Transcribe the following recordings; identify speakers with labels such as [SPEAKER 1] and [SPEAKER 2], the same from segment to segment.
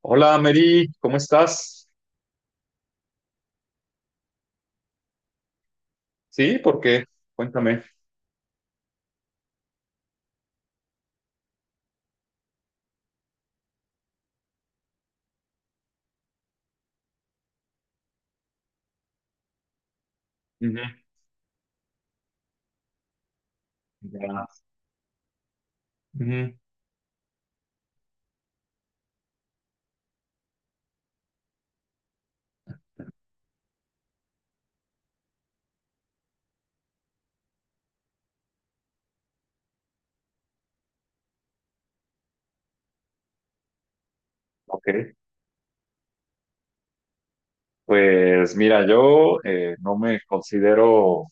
[SPEAKER 1] Hola, Mary, ¿cómo estás? Sí, ¿por qué? Cuéntame. Ujú. Ya. Ujú. Ok. Pues mira, yo no me considero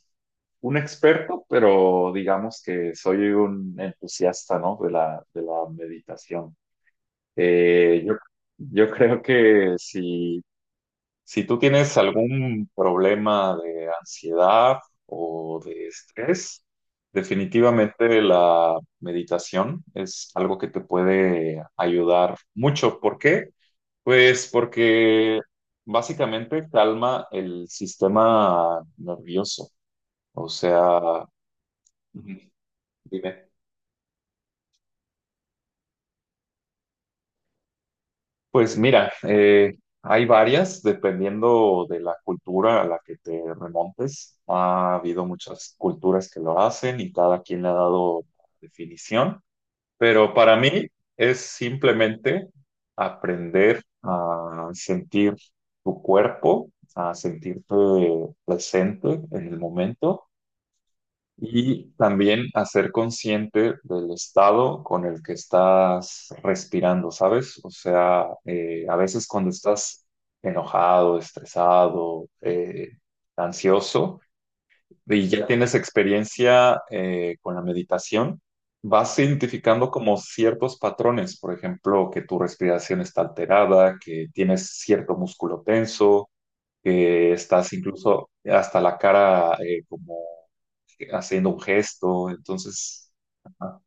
[SPEAKER 1] un experto, pero digamos que soy un entusiasta, ¿no? De la meditación. Eh, yo, yo creo que si tú tienes algún problema de ansiedad o de estrés, definitivamente la meditación es algo que te puede ayudar mucho. ¿Por qué? Pues porque básicamente calma el sistema nervioso. O sea, ujú. Dime. Pues mira, hay varias, dependiendo de la cultura a la que te remontes. Ha habido muchas culturas que lo hacen y cada quien le ha dado definición, pero para mí es simplemente aprender a sentir tu cuerpo, a sentirte presente en el momento y también hacer consciente del estado con el que estás respirando, ¿sabes? O sea, a veces cuando estás enojado, estresado, ansioso, y ya tienes experiencia con la meditación, vas identificando como ciertos patrones, por ejemplo, que tu respiración está alterada, que tienes cierto músculo tenso, que estás incluso hasta la cara como haciendo un gesto. Entonces, ajá.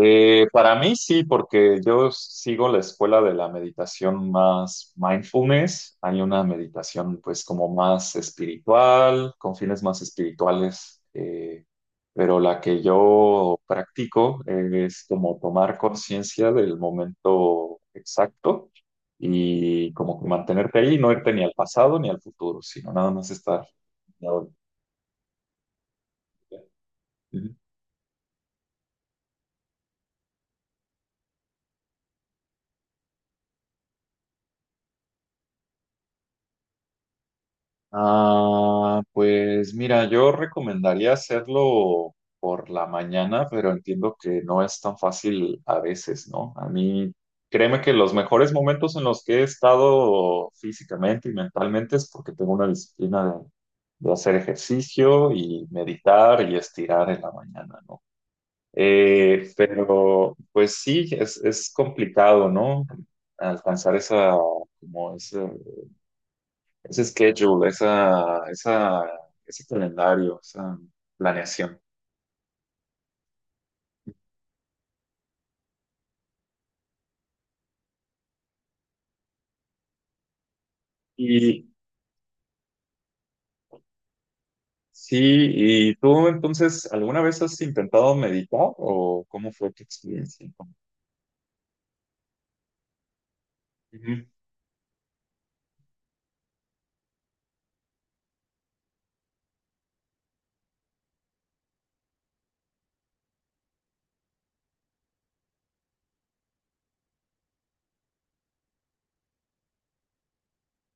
[SPEAKER 1] Para mí sí, porque yo sigo la escuela de la meditación más mindfulness. Hay una meditación pues como más espiritual, con fines más espirituales, pero la que yo practico es como tomar conciencia del momento exacto. Y como que mantenerte ahí, no irte ni al pasado ni al futuro, sino nada más estar. Ujú. Ah, pues mira, yo recomendaría hacerlo por la mañana, pero entiendo que no es tan fácil a veces, ¿no? A mí, créeme que los mejores momentos en los que he estado físicamente y mentalmente es porque tengo una disciplina de hacer ejercicio y meditar y estirar en la mañana, ¿no? Pero pues sí, es complicado, ¿no? Alcanzar esa, como ese ese schedule, esa, ese calendario, esa planeación. Y sí, ¿y tú entonces alguna vez has intentado meditar o cómo fue tu experiencia? Ujú,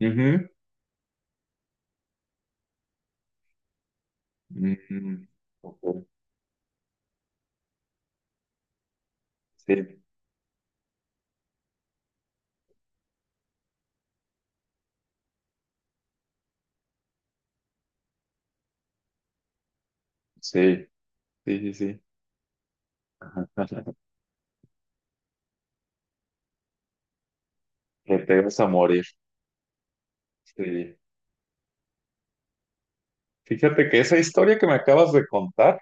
[SPEAKER 1] ujú, mm, ok. Sí, sí, sí, sí, sí. Ajá, ajá. Que te vas a morir. Sí. Fíjate que esa historia que me acabas de contar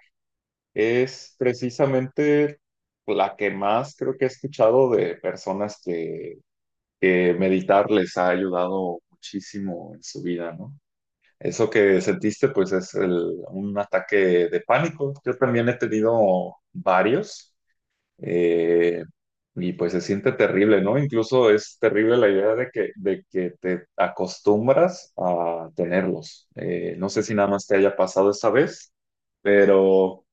[SPEAKER 1] es precisamente la que más creo que he escuchado de personas que meditar les ha ayudado muchísimo en su vida, ¿no? Eso que sentiste, pues es un ataque de pánico. Yo también he tenido varios, eh, y pues se siente terrible, ¿no? Incluso es terrible la idea de que te acostumbras a tenerlos. No sé si nada más te haya pasado esta vez, pero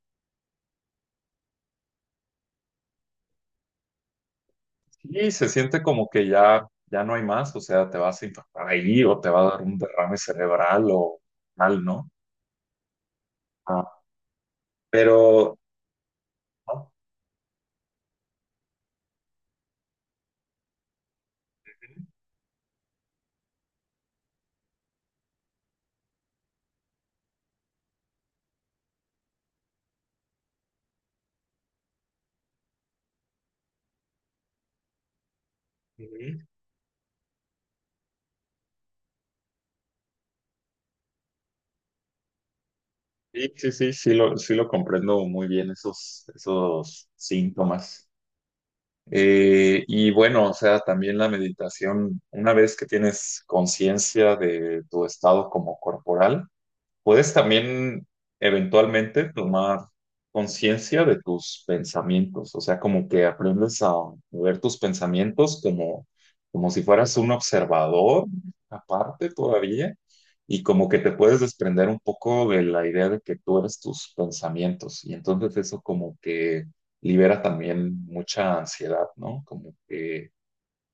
[SPEAKER 1] sí se siente como que ya, ya no hay más, o sea, te vas a infartar ahí o te va a dar un derrame cerebral o mal, ¿no? Ah, pero, ah, ujú. Sí, sí, sí, sí lo comprendo muy bien esos, esos síntomas. Y bueno, o sea, también la meditación, una vez que tienes conciencia de tu estado como corporal, puedes también eventualmente tomar conciencia de tus pensamientos, o sea, como que aprendes a ver tus pensamientos como, como si fueras un observador aparte todavía, y como que te puedes desprender un poco de la idea de que tú eres tus pensamientos, y entonces eso como que libera también mucha ansiedad, ¿no? Como que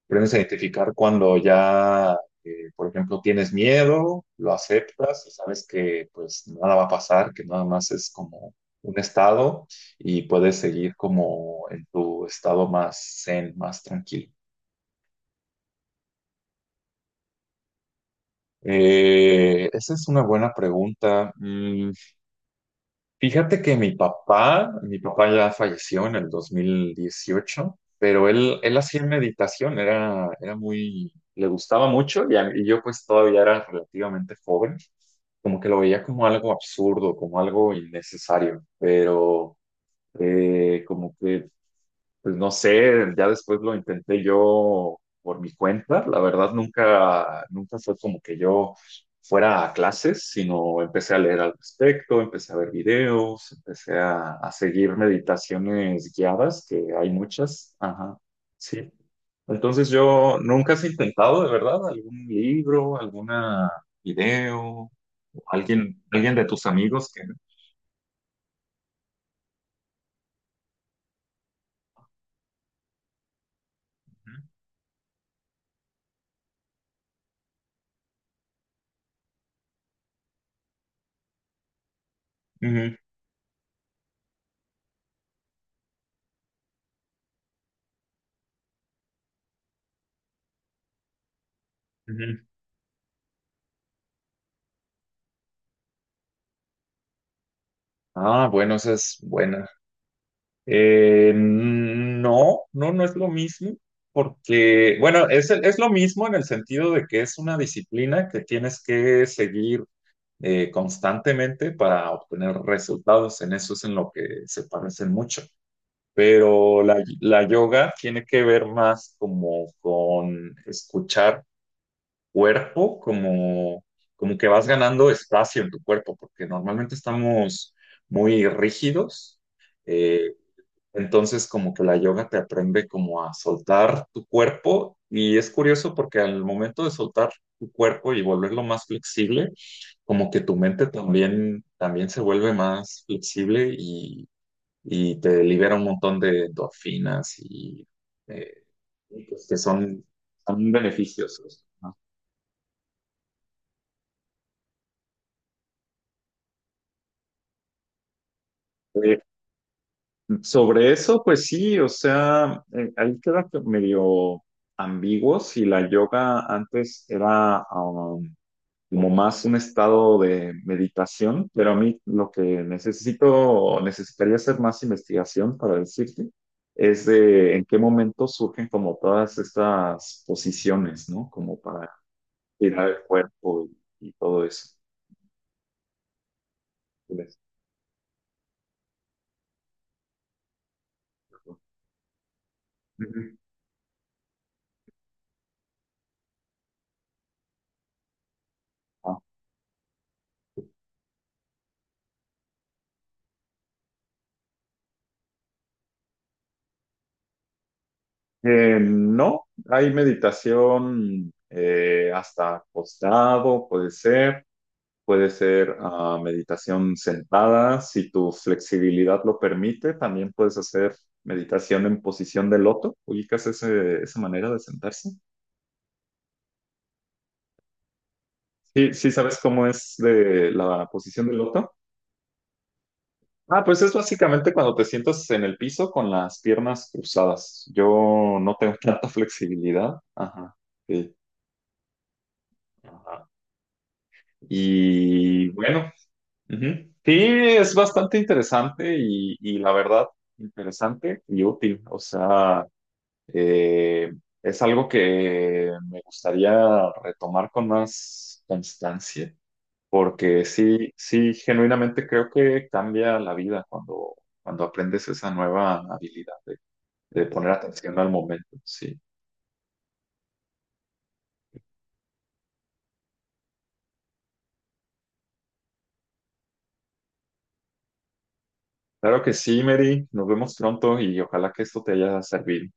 [SPEAKER 1] aprendes a identificar cuando ya, por ejemplo, tienes miedo, lo aceptas y sabes que pues nada va a pasar, que nada más es como un estado y puedes seguir como en tu estado más zen, más tranquilo. Esa es una buena pregunta. Mm, fíjate que mi papá ya falleció en el 2018, pero él hacía meditación, era, era muy, le gustaba mucho y, y yo pues todavía era relativamente joven, como que lo veía como algo absurdo, como algo innecesario, pero como que pues no sé, ya después lo intenté yo por mi cuenta. La verdad, nunca, nunca fue como que yo fuera a clases, sino empecé a leer al respecto, empecé a ver videos, empecé a seguir meditaciones guiadas, que hay muchas. Ajá, sí. Entonces yo nunca has intentado, de verdad, algún libro, alguna video, o alguien, alguien de tus amigos que... Ujú, ujú. Ah, bueno, esa es buena. No, no, no es lo mismo, porque, bueno, es, es lo mismo en el sentido de que es una disciplina que tienes que seguir constantemente para obtener resultados. En eso es en lo que se parecen mucho. Pero la yoga tiene que ver más como con escuchar cuerpo, como, como que vas ganando espacio en tu cuerpo, porque normalmente estamos muy rígidos, eh, entonces, como que la yoga te aprende como a soltar tu cuerpo y es curioso porque al momento de soltar tu cuerpo y volverlo más flexible, como que tu mente también, también se vuelve más flexible y te libera un montón de endorfinas eh, y pues que son, son beneficiosos, ¿no? Eh, Sobre eso, pues sí, o sea, ahí queda medio ambiguo si la yoga antes era... como más un estado de meditación, pero a mí lo que necesito, o necesitaría hacer más investigación para decirte, es de en qué momento surgen como todas estas posiciones, ¿no? Como para tirar el cuerpo y todo eso. Ujú. Ah, no, hay meditación hasta acostado, puede ser. Puede ser ah, meditación sentada, si tu flexibilidad lo permite, también puedes hacer meditación en posición de loto. ¿Ubicas esa manera de sentarse? Sí, sí, ¿sabes cómo es de la posición de loto? Ah, pues es básicamente cuando te sientas en el piso con las piernas cruzadas. Yo no tengo tanta flexibilidad. Ajá, sí. Ajá. Y bueno, ujú. Sí, es bastante interesante y la verdad, interesante y útil. O sea, eh, es algo que me gustaría retomar con más constancia, porque sí, sí, genuinamente creo que cambia la vida cuando, cuando aprendes esa nueva habilidad de poner atención al momento. Sí, claro que sí, Mary. Nos vemos pronto y ojalá que esto te haya servido.